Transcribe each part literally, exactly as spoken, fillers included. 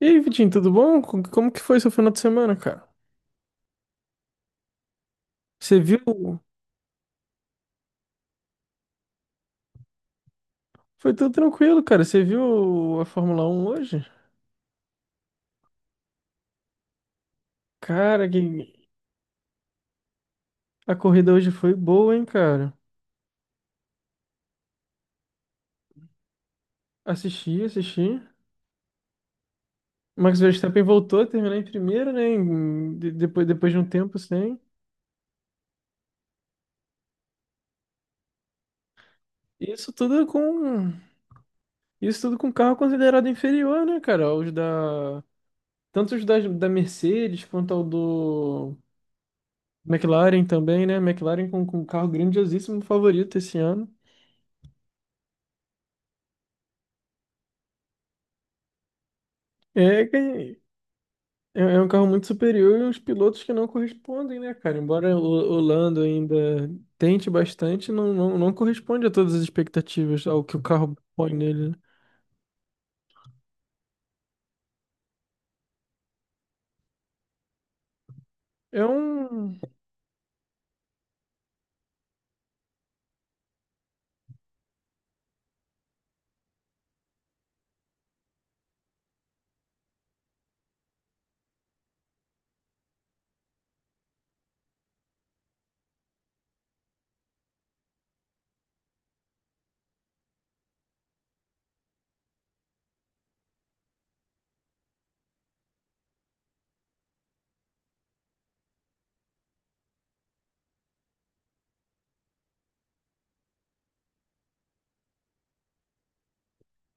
E aí, Vitinho, tudo bom? Co- Como que foi seu final de semana, cara? Você viu? Foi tudo tranquilo, cara. Você viu a Fórmula Um hoje? Cara, que... a corrida hoje foi boa, hein, cara? Assisti, assisti. Max Verstappen voltou a terminar em primeiro, né? em- de- Depois, depois de um tempo sem. Isso tudo com isso tudo com carro considerado inferior, né, cara? Os da Tanto os da, da Mercedes quanto ao do McLaren também, né? McLaren com, com um carro grandiosíssimo favorito esse ano. É, que é É um carro muito superior e uns pilotos que não correspondem, né, cara? Embora o, o Lando ainda tente bastante, não, não, não corresponde a todas as expectativas, ao que o carro põe nele, né? É um.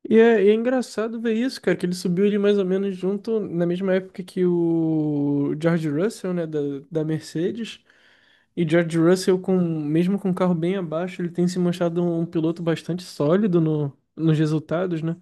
E é, e é engraçado ver isso, cara, que ele subiu ali mais ou menos junto, na mesma época que o George Russell, né, da, da Mercedes. E George Russell, com, mesmo com o carro bem abaixo, ele tem se mostrado um, um piloto bastante sólido no, nos resultados, né?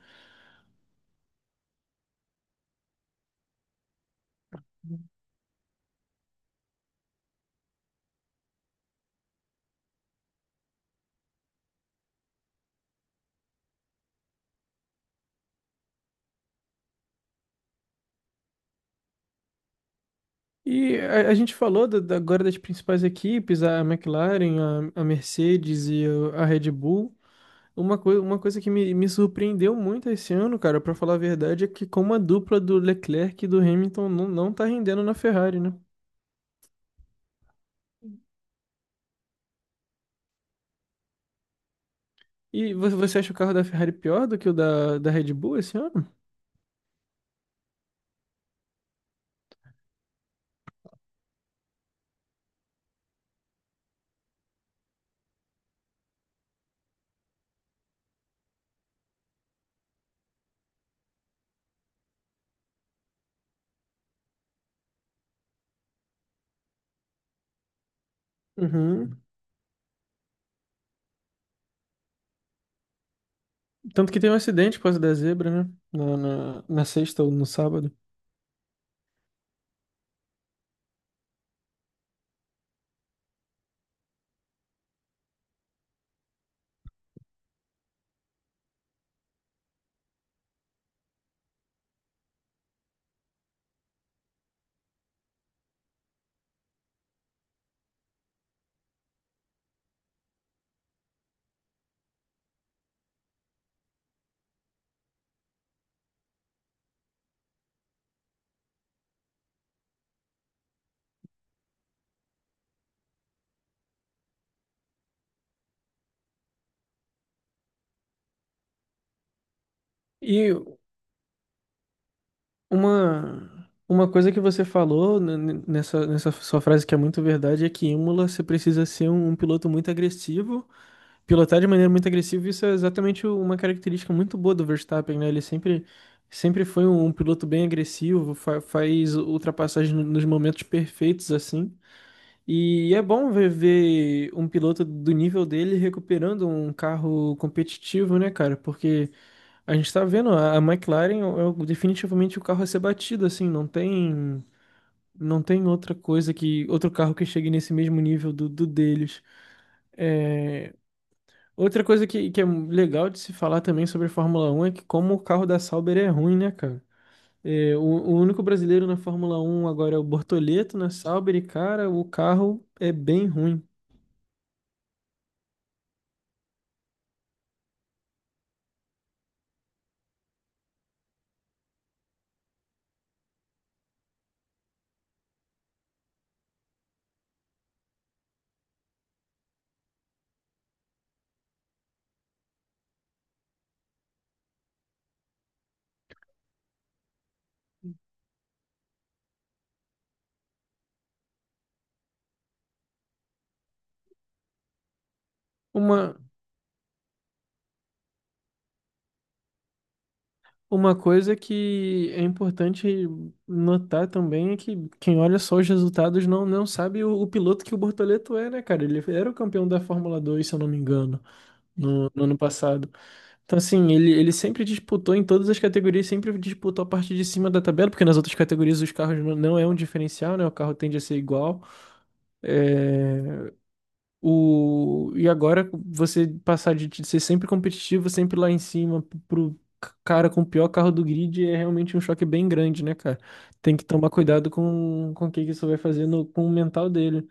E a, a gente falou da- da- agora das principais equipes, a McLaren, a, a Mercedes e o- a Red Bull. Uma, coi uma coisa que me, me surpreendeu muito esse ano, cara, pra falar a verdade, é que como a dupla do Leclerc e do Hamilton não, não tá rendendo na Ferrari, né? E vo- você acha o carro da Ferrari pior do que o da, da Red Bull esse ano? Uhum. Tanto que teve um acidente por causa da zebra, né? Na, na, na sexta ou no sábado. E Uma, uma coisa que você falou n- n- nessa, nessa sua frase que é muito verdade é que em Imola você precisa ser um, um piloto muito agressivo, pilotar de maneira muito agressiva, isso é exatamente o- uma característica muito boa do Verstappen, né? Ele sempre, sempre foi um, um piloto bem agressivo, fa- faz ultrapassagem no- nos momentos perfeitos assim. E é bom ver, ver um piloto do nível dele recuperando um carro competitivo, né, cara? Porque a gente tá vendo, a a McLaren é o- definitivamente o carro a ser batido, assim, não tem não tem outra coisa, que outro carro que chegue nesse mesmo nível do, do deles. É, outra coisa que, que é legal de se falar também sobre a Fórmula um é que como o carro da Sauber é ruim, né, cara? É, o, o único brasileiro na Fórmula um agora é o Bortoleto na Sauber e, cara, o carro é bem ruim. Uma, Uma coisa que é importante notar também é que quem olha só os resultados não, não sabe o, o piloto que o Bortoleto é, né, cara? Ele era o campeão da Fórmula dois, se eu não me engano, no ano passado. Então, assim, ele, ele sempre disputou em todas as categorias, sempre disputou a parte de cima da tabela, porque nas outras categorias os carros não, não é um diferencial, né? O carro tende a ser igual. É, o... E agora você passar de de ser sempre competitivo, sempre lá em cima, p- pro c- cara com o pior carro do grid é realmente um choque bem grande, né, cara? Tem que tomar cuidado com, com o que que isso vai fazer no- com o mental dele.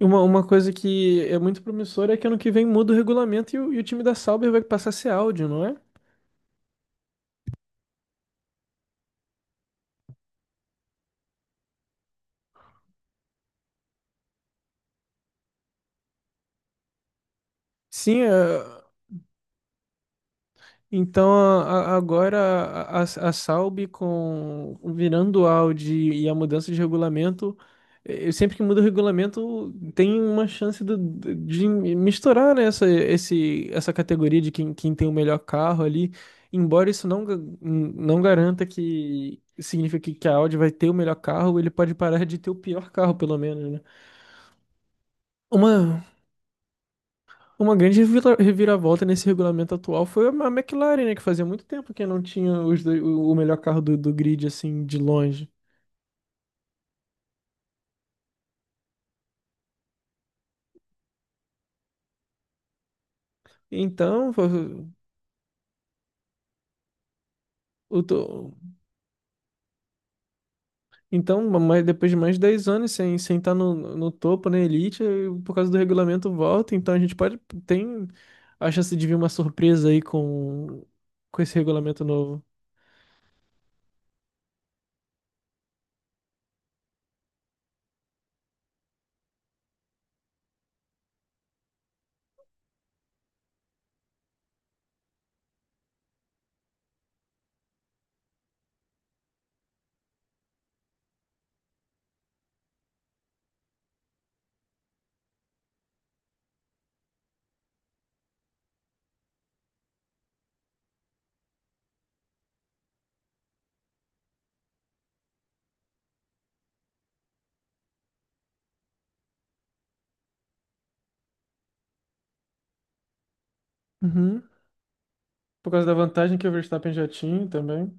E Uma, uma coisa que é muito promissora é que ano que vem muda o regulamento e o, e o time da Sauber vai passar a ser Audi, não é? Sim, é, Então, a- a- agora a, a, a Salb com virando o Audi e a mudança de regulamento, eh, sempre que muda o regulamento, tem uma chance do- do- de misturar, né, essa, esse, essa categoria de quem, quem tem o melhor carro ali. Embora isso não, ga- não garanta que signifique que a Audi vai ter o melhor carro, ele pode parar de ter o pior carro, pelo menos, né? Uma, uma grande revira- reviravolta nesse regulamento atual foi a McLaren, né? Que fazia muito tempo que não tinha os dois- o o melhor carro do, do grid, assim, de longe. Então, foi- o to- então mas depois de mais de dez anos sem, sem estar no, no topo, na elite, eh, por causa do regulamento volta. Então, a gente pode... Tem a chance de vir uma surpresa aí com, com esse regulamento novo. Uhum. Por causa da vantagem que o Verstappen já tinha também.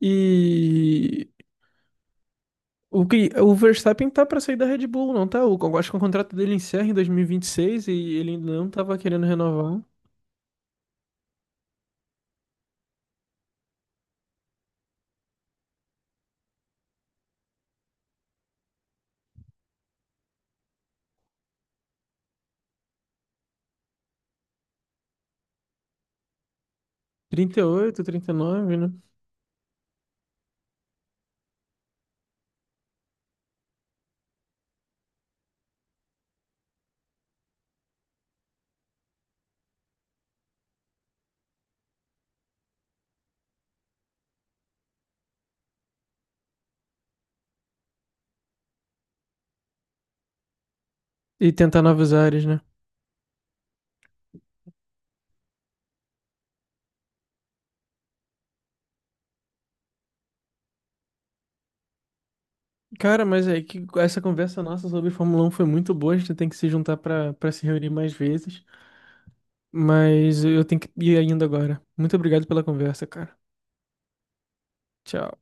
E... O que, o Verstappen tá pra sair da Red Bull, não tá? O, eu acho que o contrato dele encerra em dois mil e vinte e e seis e ele ainda não tava querendo renovar. Trinta e trinta e nove, né? E tentar novos ares, né? Cara, mas é que essa conversa nossa sobre Fórmula um foi muito boa. A gente tem que se juntar pra para se reunir mais vezes. Mas eu tenho que ir ainda agora. Muito obrigado pela conversa, cara. Tchau.